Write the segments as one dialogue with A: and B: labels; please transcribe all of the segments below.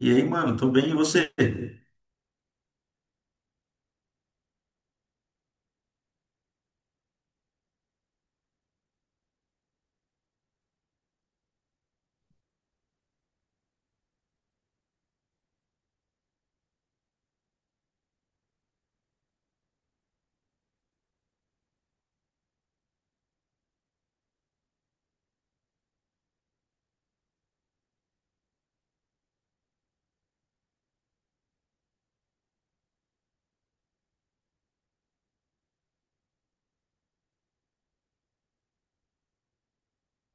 A: E aí, mano, tô bem, e você?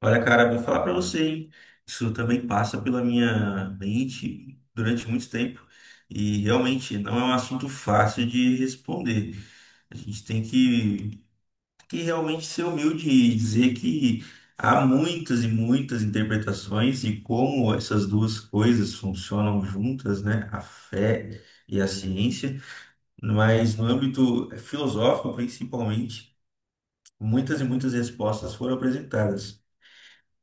A: Olha, cara, vou falar pra você, hein? Isso também passa pela minha mente durante muito tempo e realmente não é um assunto fácil de responder. A gente tem que realmente ser humilde e dizer que há muitas e muitas interpretações e como essas duas coisas funcionam juntas, né? A fé e a ciência, mas no âmbito filosófico, principalmente, muitas e muitas respostas foram apresentadas.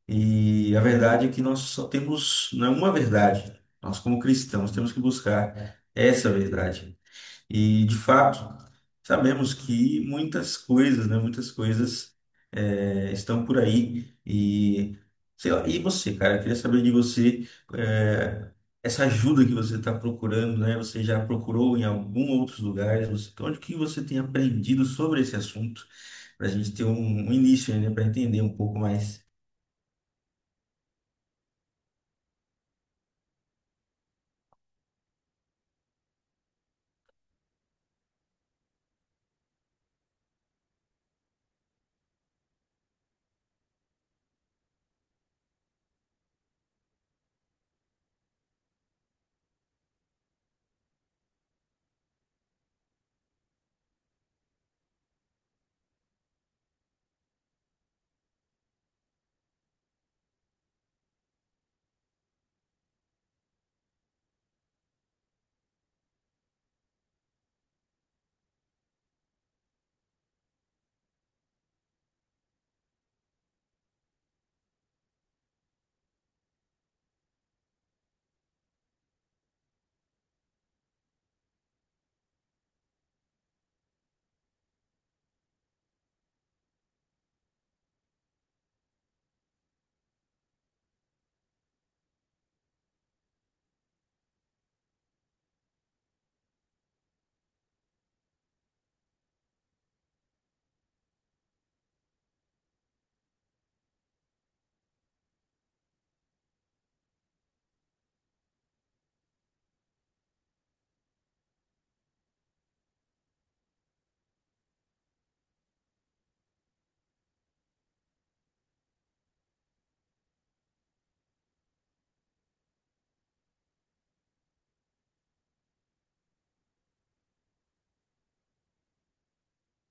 A: E a verdade é que nós só temos, não é uma verdade. Nós, como cristãos, temos que buscar essa verdade. E, de fato, sabemos que muitas coisas, né, muitas coisas estão por aí. E, sei lá, e você, cara, eu queria saber de você, eh, essa ajuda que você está procurando, né? Você já procurou em algum outros lugares? Você, onde que você tem aprendido sobre esse assunto? Para a gente ter um início, né, para entender um pouco mais.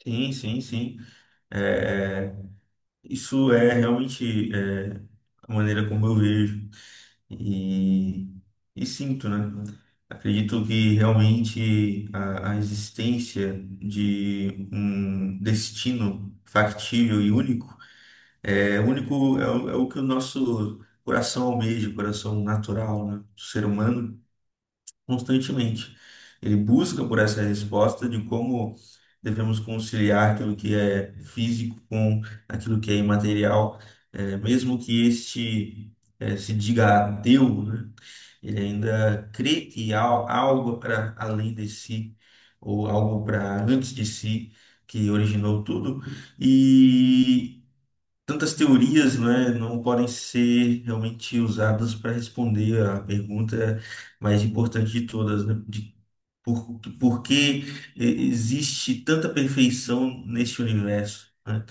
A: Sim, sim, sim. É, isso é realmente, a maneira como eu vejo e, e sinto, né? Acredito que realmente a existência de um destino factível e único é o que o nosso coração almeja, o coração natural, né, do ser humano constantemente. Ele busca por essa resposta de como devemos conciliar aquilo que é físico com aquilo que é imaterial, mesmo que este se diga ateu, né? Ele ainda crê que há algo para além de si, ou algo para antes de si, que originou tudo tantas teorias, né, não podem ser realmente usadas para responder a pergunta mais importante de todas, né, de por que existe tanta perfeição neste universo, né?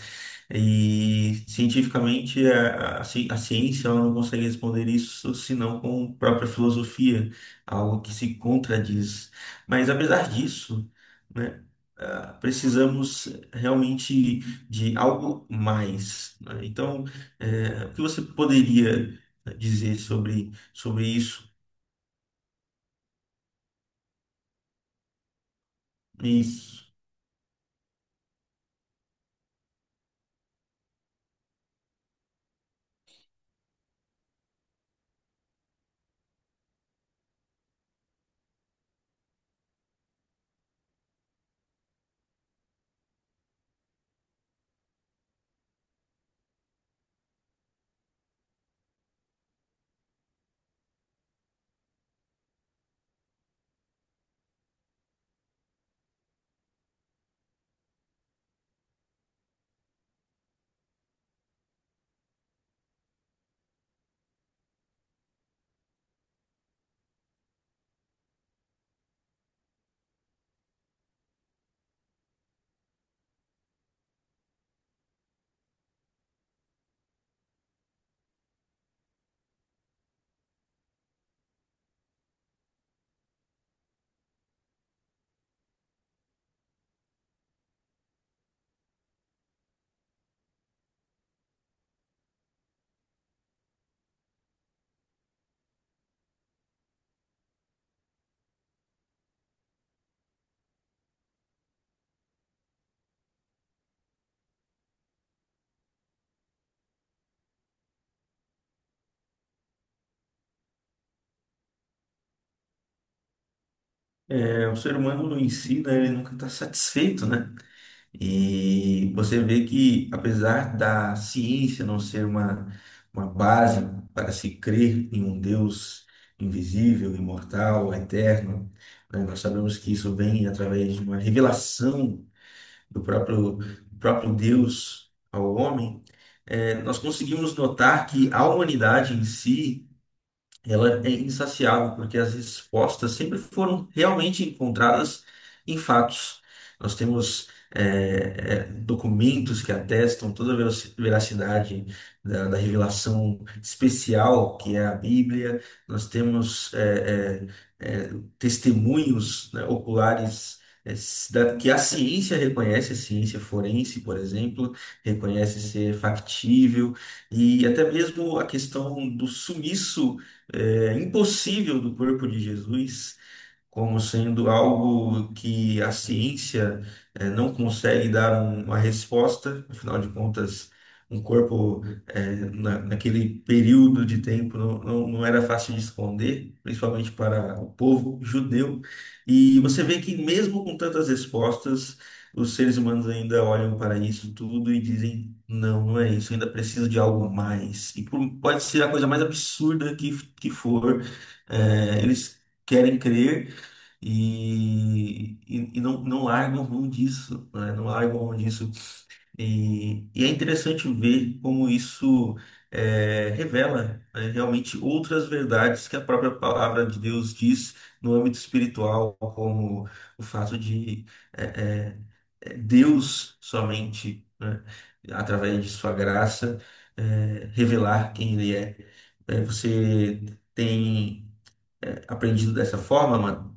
A: E cientificamente a ciência ela não consegue responder isso senão com própria filosofia, algo que se contradiz. Mas apesar disso, né, precisamos realmente de algo mais, né? Então, o que você poderia dizer sobre, sobre isso? Isso, o ser humano em si, né, ele nunca está satisfeito, né? E você vê que, apesar da ciência não ser uma base para se crer em um Deus invisível, imortal, eterno, né, nós sabemos que isso vem através de uma revelação do próprio Deus ao homem, nós conseguimos notar que a humanidade em si ela é insaciável, porque as respostas sempre foram realmente encontradas em fatos. Nós temos documentos que atestam toda a veracidade da, da revelação especial que é a Bíblia, nós temos é, é, testemunhos, né, oculares. Que a ciência reconhece, a ciência forense, por exemplo, reconhece ser factível, e até mesmo a questão do sumiço é impossível do corpo de Jesus, como sendo algo que a ciência não consegue dar uma resposta, afinal de contas, um corpo naquele período de tempo não era fácil de esconder, principalmente para o povo judeu. E você vê que mesmo com tantas respostas, os seres humanos ainda olham para isso tudo e dizem: Não, não é isso, ainda preciso de algo mais. E pode ser a coisa mais absurda que for, eles querem crer e não, não largam mão disso, né? Não largam mão disso. E é interessante ver como isso revela, né, realmente outras verdades que a própria palavra de Deus diz no âmbito espiritual, como o fato de é, é, Deus somente, né, através de sua graça, revelar quem Ele é. É, você tem aprendido dessa forma.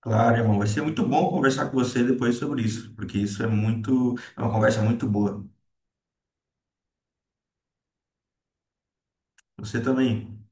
A: Claro, irmão, vai ser muito bom conversar com você depois sobre isso, porque isso é muito, é uma conversa muito boa. Você também.